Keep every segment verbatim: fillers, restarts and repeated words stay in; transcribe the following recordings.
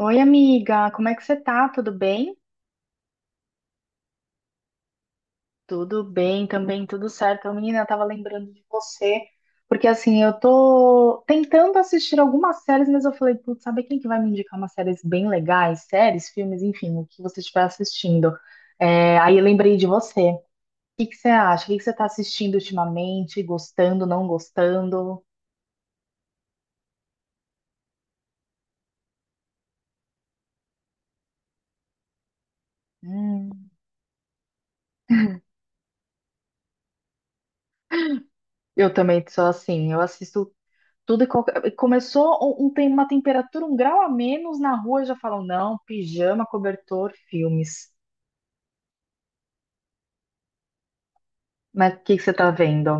Oi, amiga, como é que você tá? Tudo bem? Tudo bem também, tudo certo. Ô, menina, eu tava lembrando de você, porque assim, eu tô tentando assistir algumas séries, mas eu falei, putz, sabe quem que vai me indicar umas séries bem legais? Séries, filmes, enfim, o que você estiver assistindo. É, aí eu lembrei de você. O que que você acha? O que que você tá assistindo ultimamente? Gostando, não gostando? Hum, eu também sou assim, eu assisto tudo e qualquer... eh, Começou um, um- tem uma temperatura, um grau a menos na rua, já falam, não, pijama, cobertor, filmes. Mas o que que você tá vendo?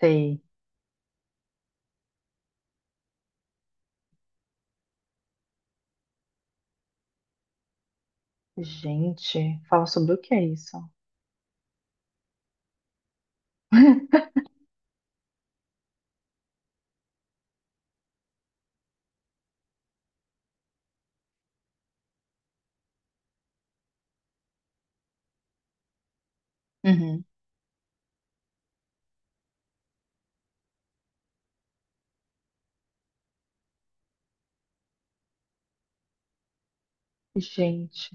Sei. Gente, fala sobre o que é isso? Uhum. Gente.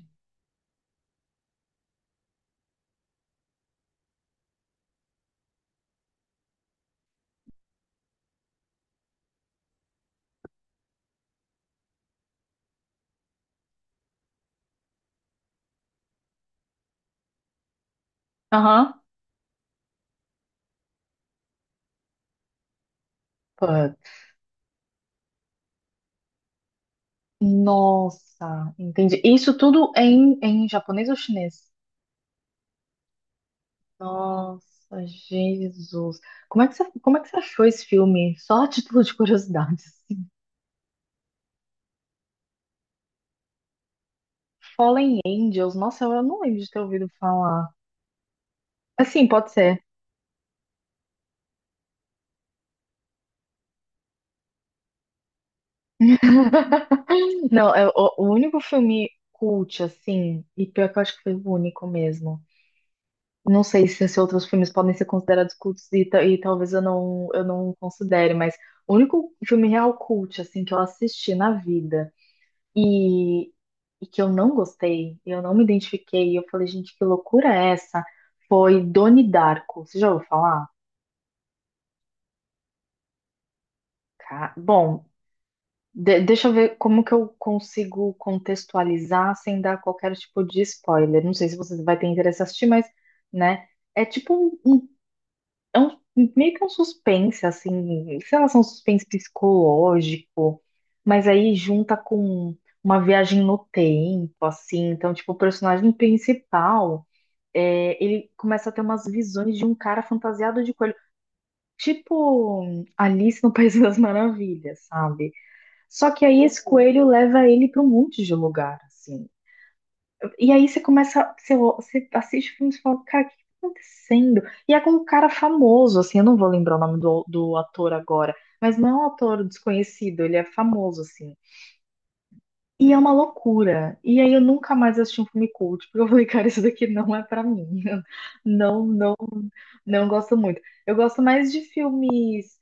Aham. Put. Nossa, entendi. Isso tudo é em, é em japonês ou chinês? Nossa, Jesus. Como é que você, como é que você achou esse filme? Só a título de curiosidade, assim. Fallen Angels. Nossa, eu não lembro de ter ouvido falar. Assim, pode ser. Não, é, o, o único filme cult, assim, e pior que eu acho que foi o único mesmo. Não sei se, se outros filmes podem ser considerados cultos e, ta- e talvez eu não, eu não considere, mas o único filme real cult, assim, que eu assisti na vida e, e que eu não gostei, eu não me identifiquei, e eu falei, gente, que loucura é essa? Foi Doni Darko. Você já ouviu falar? Ca- Bom, De- deixa eu ver como que eu consigo contextualizar sem dar qualquer tipo de spoiler. Não sei se você vai ter interesse em assistir, mas, né? É tipo um, um, é um- meio que um suspense, assim, sei lá, um suspense psicológico, mas aí junta com uma viagem no tempo, assim. Então, tipo, o personagem principal, é, ele começa a ter umas visões de um cara fantasiado de coelho, tipo Alice no País das Maravilhas, sabe? Só que aí esse coelho leva ele para um monte de lugar, assim. E aí você começa, você, você assiste o filme e fala, cara, o que tá acontecendo? E é com um cara famoso, assim, eu não vou lembrar o nome do, do ator agora, mas não é um ator desconhecido, ele é famoso, assim. E é uma loucura. E aí eu nunca mais assisti um filme cult, porque eu falei, cara, isso daqui não é pra mim. Não, não, não gosto muito. Eu gosto mais de filmes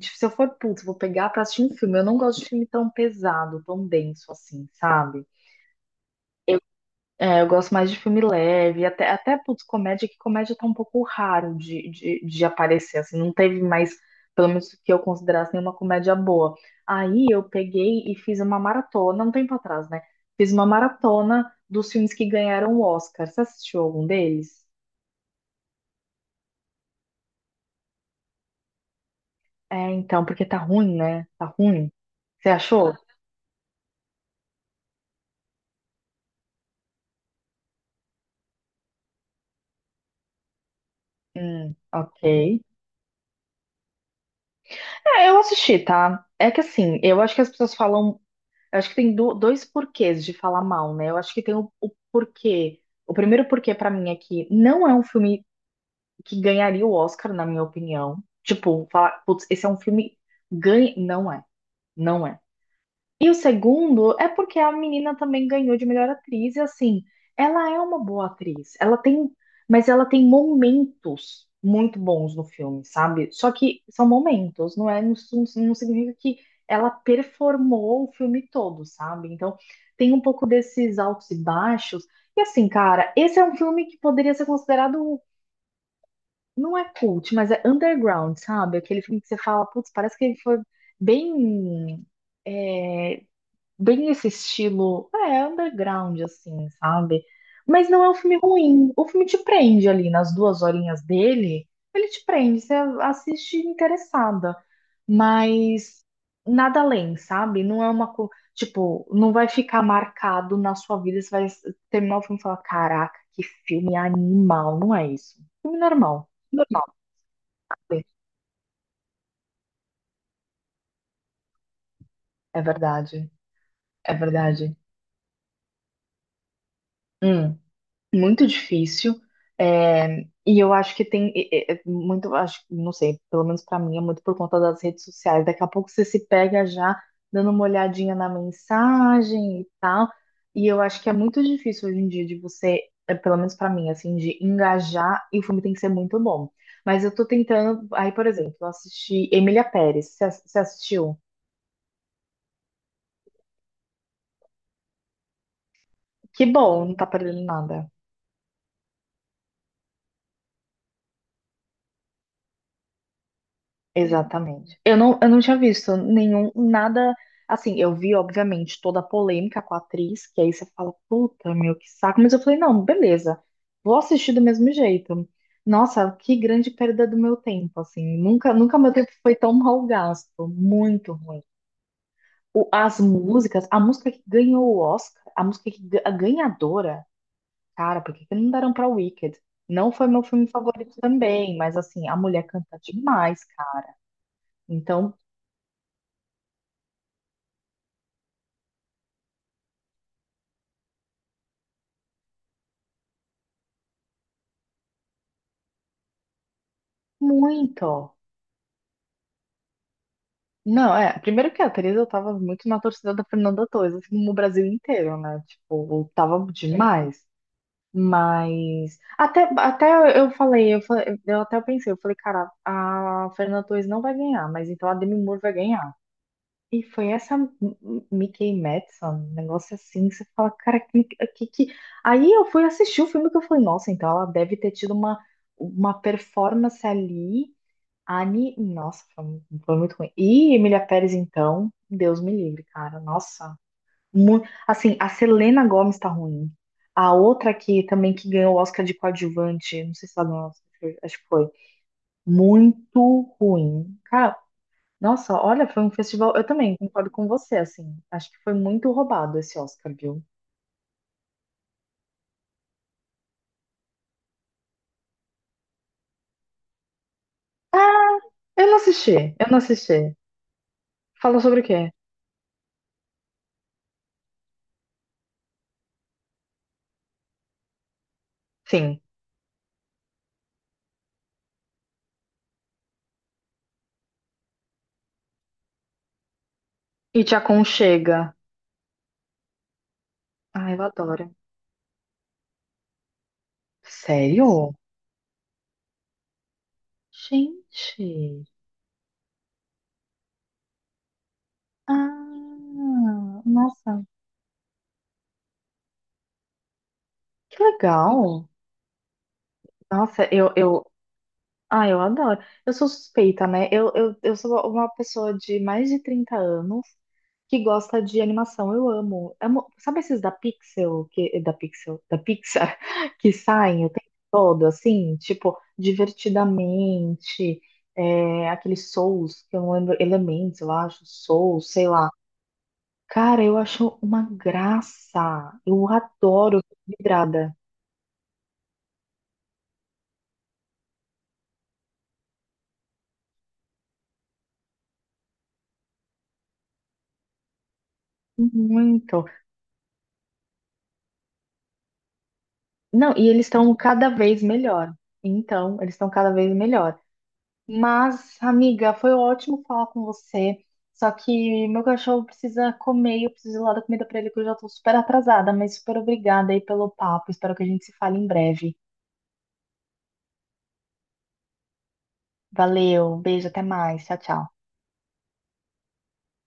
tipo, se eu for, putz, vou pegar pra assistir um filme. Eu não gosto de filme tão pesado, tão denso assim, sabe? É, eu gosto mais de filme leve, até, até putz, comédia, que comédia tá um pouco raro de, de, de aparecer, assim, não teve mais, pelo menos que eu considerasse nenhuma comédia boa. Aí eu peguei e fiz uma maratona, um tempo atrás, né? Fiz uma maratona dos filmes que ganharam o Oscar. Você assistiu algum deles? É, então, porque tá ruim, né? Tá ruim. Você achou? Hum, ok. É, eu assisti, tá? É que assim, eu acho que as pessoas falam. Eu acho que tem do- dois porquês de falar mal, né? Eu acho que tem o, o porquê. O primeiro porquê pra mim é que não é um filme que ganharia o Oscar, na minha opinião. Tipo, falar, putz, esse é um filme. Ganha... Não é. Não é. E o segundo é porque a menina também ganhou de melhor atriz, e assim, ela é uma boa atriz. Ela tem, mas ela tem momentos muito bons no filme, sabe? Só que são momentos, não é? Não, não significa que ela performou o filme todo, sabe? Então, tem um pouco desses altos e baixos. E assim, cara, esse é um filme que poderia ser considerado, não é cult, mas é underground, sabe? Aquele filme que você fala, putz, parece que ele foi bem é, bem esse estilo, é, underground, assim, sabe? Mas não é um filme ruim. O filme te prende ali nas duas horinhas dele, ele te prende, você assiste interessada, mas nada além, sabe? Não é uma, co- tipo, não vai ficar marcado na sua vida, você vai terminar o filme e falar, caraca, que filme animal, não é isso. Filme normal, normal, sim. É verdade, é verdade. Hum. Muito difícil. É, e eu acho que tem é, é, muito, acho, não sei, pelo menos pra mim é muito por conta das redes sociais. Daqui a pouco você se pega já dando uma olhadinha na mensagem e tal. E eu acho que é muito difícil hoje em dia de você, é, pelo menos pra mim, assim, de engajar e o filme tem que ser muito bom. Mas eu tô tentando, aí, por exemplo, eu assisti Emília Pérez, você ass- você assistiu? Que bom, não tá perdendo nada. Exatamente. Eu não, eu não tinha visto nenhum, nada. Assim, eu vi, obviamente, toda a polêmica com a atriz, que aí você fala, puta, meu, que saco. Mas eu falei, não, beleza, vou assistir do mesmo jeito. Nossa, que grande perda do meu tempo, assim. Nunca, nunca meu tempo foi tão mal gasto. Muito ruim. O- as músicas, a música que ganhou o Oscar, a música que, ga- a ganhadora, cara, por que que não deram pra Wicked? Não foi meu filme favorito também, mas assim, a mulher canta demais, cara. Então, muito. Não, é. Primeiro que a Teresa, eu tava muito na torcida da Fernanda Torres, assim como o Brasil inteiro, né? Tipo, tava sim, demais. Mas até, até eu falei, eu falei, eu até pensei, eu falei, cara, a Fernanda Torres não vai ganhar, mas então a Demi Moore vai ganhar. E foi essa M- M- Mickey Madison, um negócio assim, que você fala, cara, que, que, que... Aí eu fui assistir o filme que eu falei, nossa, então ela deve ter tido uma, uma performance ali Ani, nossa, foi, foi muito ruim. E Emília Pérez, então, Deus me livre, cara. Nossa, mu- assim, a Selena Gomez tá ruim. A outra que também que ganhou o Oscar de coadjuvante, não sei se ela ganhou, o Oscar, acho que foi. Muito ruim. Cara, nossa, olha, foi um festival. Eu também concordo com você, assim. Acho que foi muito roubado esse Oscar, viu? Eu não assisti, eu não assisti. Fala sobre o quê? Sim. E te aconchega. Ai, eu adoro. Sério? Gente. Ah, nossa, que legal. Nossa, eu, eu, ah, eu adoro. Eu sou suspeita, né? Eu, eu, eu sou uma pessoa de mais de trinta anos que gosta de animação. Eu amo. Amo- sabe esses da Pixel, que, da Pixel, da Pixar, que saem o tempo todo, assim, tipo, divertidamente, é, aquele Souls, que eu não lembro, Elementos, eu acho, Souls, sei lá. Cara, eu acho uma graça. Eu adoro, fico vidrada. Muito. Não, e eles estão cada vez melhor. Então, eles estão cada vez melhor. Mas, amiga, foi ótimo falar com você. Só que meu cachorro precisa comer e eu preciso ir lá dar comida para ele, que eu já tô super atrasada, mas super obrigada aí pelo papo. Espero que a gente se fale em breve. Valeu, beijo, até mais. Tchau, tchau.